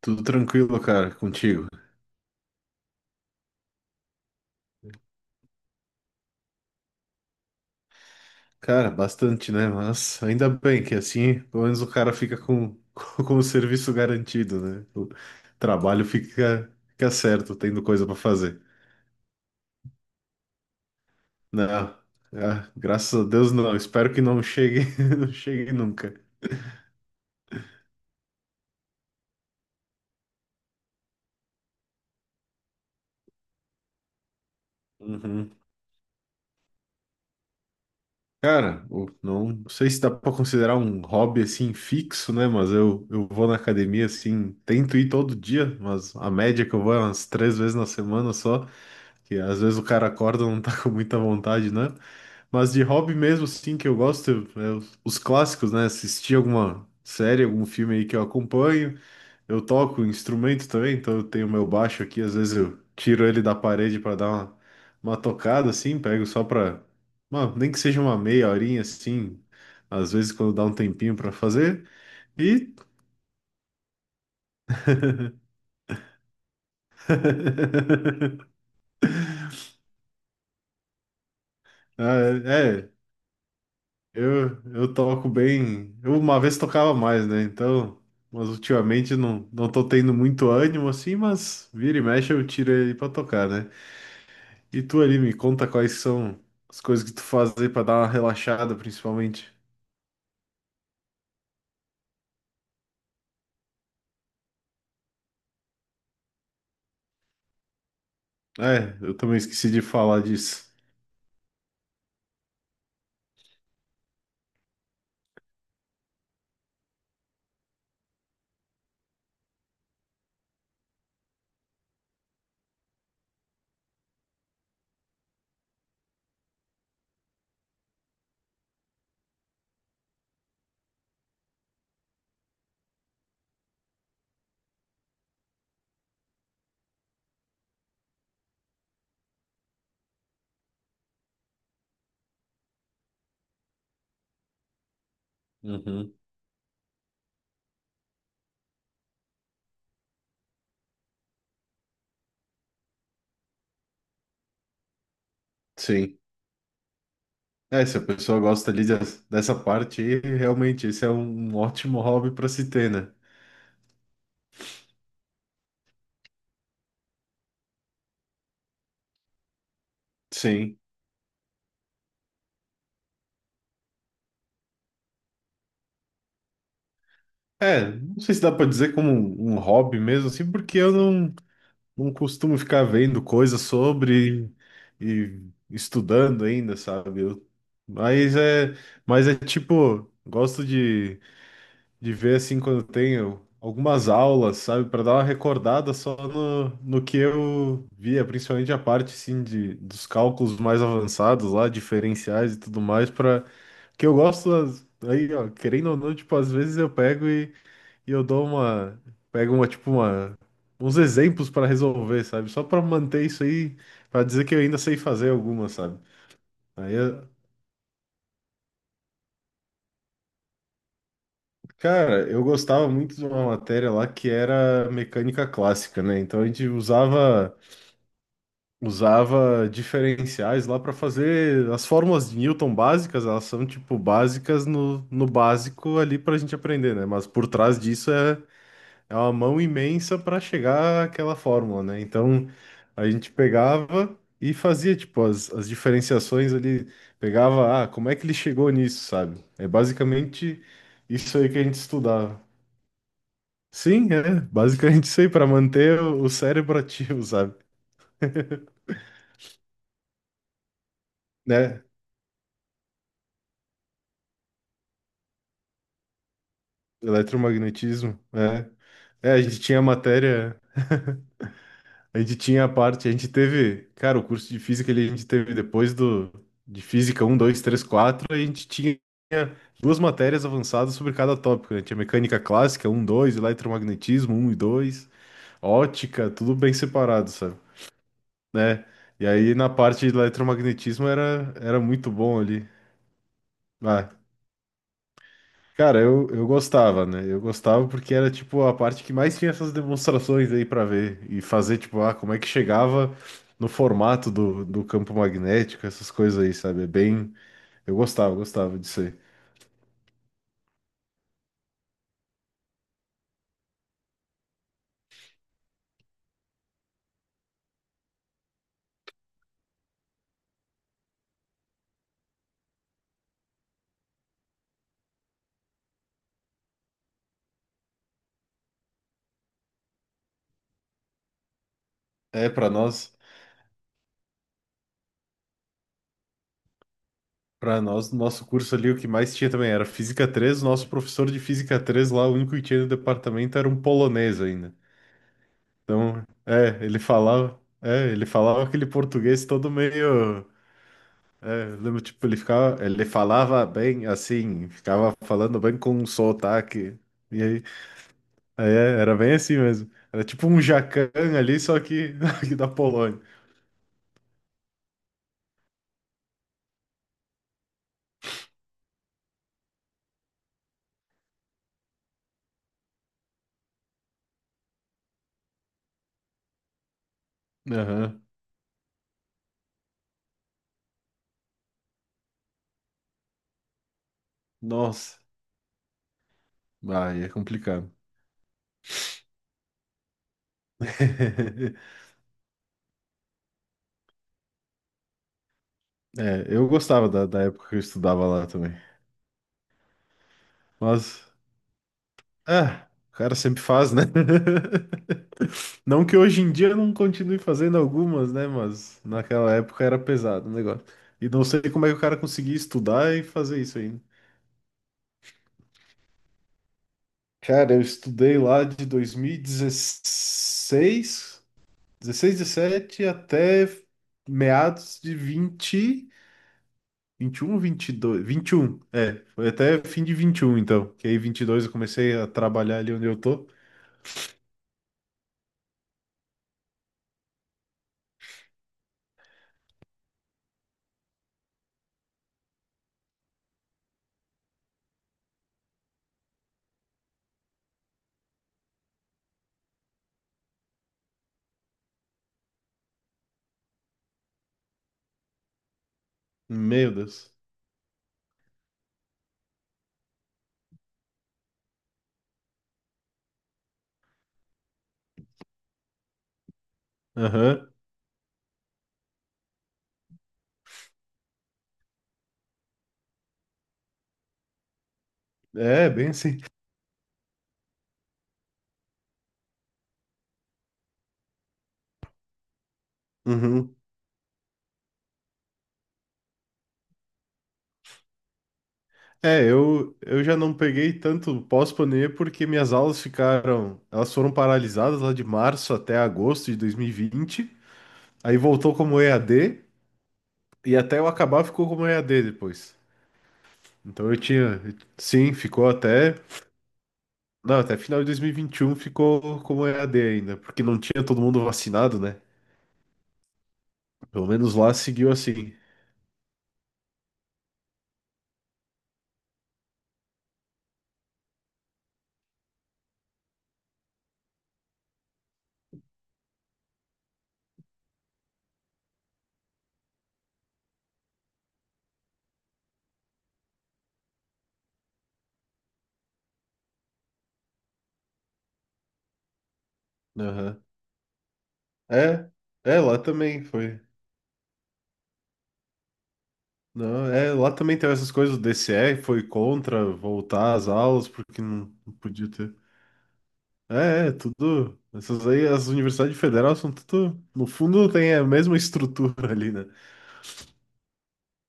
Tudo tranquilo, cara, contigo. Cara, bastante, né? Mas ainda bem que assim, pelo menos o cara fica com, com o serviço garantido, né? O trabalho fica certo, tendo coisa pra fazer. Não, ah, graças a Deus não. Espero que não chegue, não chegue nunca. Uhum. Cara, não sei se dá pra considerar um hobby assim fixo, né? Mas eu vou na academia assim, tento ir todo dia, mas a média que eu vou é umas três vezes na semana só. Que às vezes o cara acorda e não tá com muita vontade, né? Mas de hobby mesmo, sim, que eu gosto, é os clássicos, né? Assistir alguma série, algum filme aí que eu acompanho. Eu toco instrumento também, então eu tenho meu baixo aqui, às vezes eu tiro ele da parede para dar uma tocada, assim, pego só pra. Nem que seja uma meia horinha, assim, às vezes quando dá um tempinho para fazer. E. Ah, é, é, eu toco bem. Eu uma vez tocava mais, né? Então, mas ultimamente não tô tendo muito ânimo assim, mas vira e mexe eu tiro ele pra tocar, né? E tu ali me conta quais são as coisas que tu faz aí pra dar uma relaxada, principalmente. É, eu também esqueci de falar disso. Uhum. Sim. É, se a pessoa gosta ali dessa parte aí, realmente esse é um ótimo hobby pra se ter, né? Sim. É, não sei se dá pra dizer como um hobby mesmo, assim, porque eu não. Não costumo ficar vendo coisas sobre e estudando ainda, sabe? Mas é, mas é tipo, gosto de ver assim quando tenho algumas aulas, sabe? Para dar uma recordada só no que eu via, principalmente a parte assim de, dos cálculos mais avançados lá, diferenciais e tudo mais, para que eu gosto aí, ó, querendo ou não, tipo, às vezes eu pego e eu dou uma. Pego uma, tipo, uma. Uns exemplos pra resolver, sabe? Só pra manter isso aí, pra dizer que eu ainda sei fazer alguma, sabe? Aí, eu- Cara, eu gostava muito de uma matéria lá que era mecânica clássica, né? Então a gente usava diferenciais lá pra fazer as fórmulas de Newton básicas, elas são tipo básicas no básico ali pra gente aprender, né? Mas por trás disso é uma mão imensa para chegar àquela fórmula, né? Então a gente pegava e fazia tipo as diferenciações ali, pegava, ah, como é que ele chegou nisso, sabe? É basicamente isso aí que a gente estudava. Sim, é basicamente isso aí para manter o cérebro ativo, sabe? Né? Eletromagnetismo, é. É, a gente tinha matéria. A gente tinha a parte, a gente teve, cara, o curso de física ele a gente teve depois do de física um 2 3 4 a gente tinha duas matérias avançadas sobre cada tópico, né? Tinha mecânica clássica um 2 eletromagnetismo um e 2 ótica, tudo bem separado, sabe? Né? E aí na parte de eletromagnetismo era muito bom ali. Ah, cara, eu gostava, né? Eu gostava porque era, tipo, a parte que mais tinha essas demonstrações aí pra ver e fazer, tipo, ah, como é que chegava no formato do campo magnético, essas coisas aí, sabe? É bem... Eu gostava, gostava disso aí. É, pra nós, para nós, no nosso curso ali, o que mais tinha também era Física três, o nosso professor de Física 3 lá, o único que tinha no departamento era um polonês ainda. Então, é, ele falava aquele português todo meio... É, eu lembro, tipo, ele ficava, ele falava bem assim, ficava falando bem com um sotaque. E aí é, era bem assim mesmo. Era tipo um jacan ali, só que aqui da Polônia. Aham. Nossa, vai, é complicado. É, eu gostava da época que eu estudava lá também. Mas, é, o cara sempre faz, né? Não que hoje em dia eu não continue fazendo algumas, né? Mas naquela época era pesado o negócio. E não sei como é que o cara conseguia estudar e fazer isso aí. Cara, eu estudei lá de 2016, 16, 17, até meados de vinte, vinte e um, vinte e dois, vinte e um. É, foi até fim de 21, então, que aí 22 eu comecei a trabalhar ali onde eu tô. Meu Deus. Aham. É, bem assim. Uhum. É, eu já não peguei tanto pós-pandemia porque minhas aulas ficaram, elas foram paralisadas lá de março até agosto de 2020. Aí voltou como EAD. E até eu acabar ficou como E a EAD depois. Então eu tinha. Sim, ficou até. Não, até final de 2021 ficou como E a EAD ainda, porque não tinha todo mundo vacinado, né? Pelo menos lá seguiu assim. Aham. É, é, lá também foi. Não, é, lá também teve essas coisas, o DCE foi contra voltar às aulas, porque não podia ter. É, é, tudo. Essas aí, as universidades federais são tudo. No fundo, tem a mesma estrutura ali, né?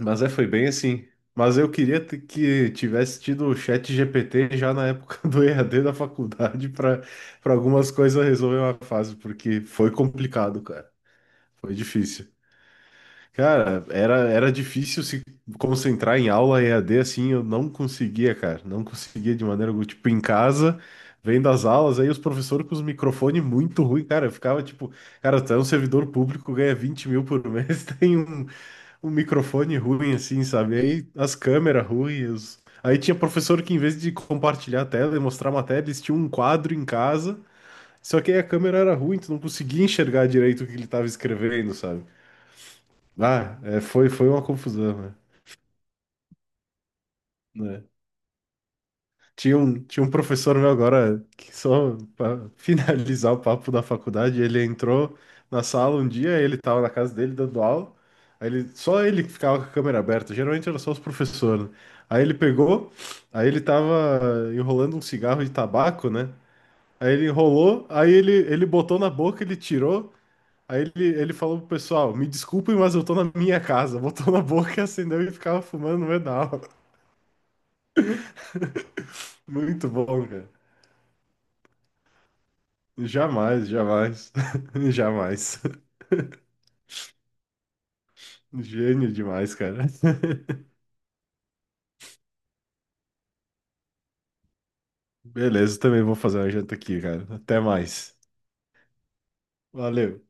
Mas é, foi bem assim. Mas eu queria que tivesse tido o chat GPT já na época do EAD da faculdade para algumas coisas resolver uma fase, porque foi complicado, cara. Foi difícil. Cara, era difícil se concentrar em aula EAD assim, eu não conseguia, cara. Não conseguia de maneira alguma. Tipo, em casa, vendo as aulas, aí os professores com os microfones muito ruim, cara. Eu ficava tipo, cara, tu é um servidor público, ganha 20 mil por mês, tem o microfone ruim, assim, sabe? Aí as câmeras ruins. Aí tinha professor que, em vez de compartilhar a tela e mostrar a matéria, eles tinham um quadro em casa, só que aí a câmera era ruim, tu não conseguia enxergar direito o que ele estava escrevendo, sabe? Ah, é, foi uma confusão, né? É. Tinha um professor meu agora, que só para finalizar o papo da faculdade, ele entrou na sala um dia, ele estava na casa dele dando aula, aí ele, só ele que ficava com a câmera aberta, geralmente era só os professores, né? Aí ele pegou, aí ele tava enrolando um cigarro de tabaco, né? Aí ele enrolou, aí ele botou na boca, ele tirou, aí ele falou pro pessoal, me desculpem, mas eu tô na minha casa. Botou na boca, acendeu e ficava fumando no meio da aula. Muito bom. Jamais, jamais. Jamais. Gênio demais, cara. Beleza, também vou fazer uma janta aqui, cara. Até mais. Valeu.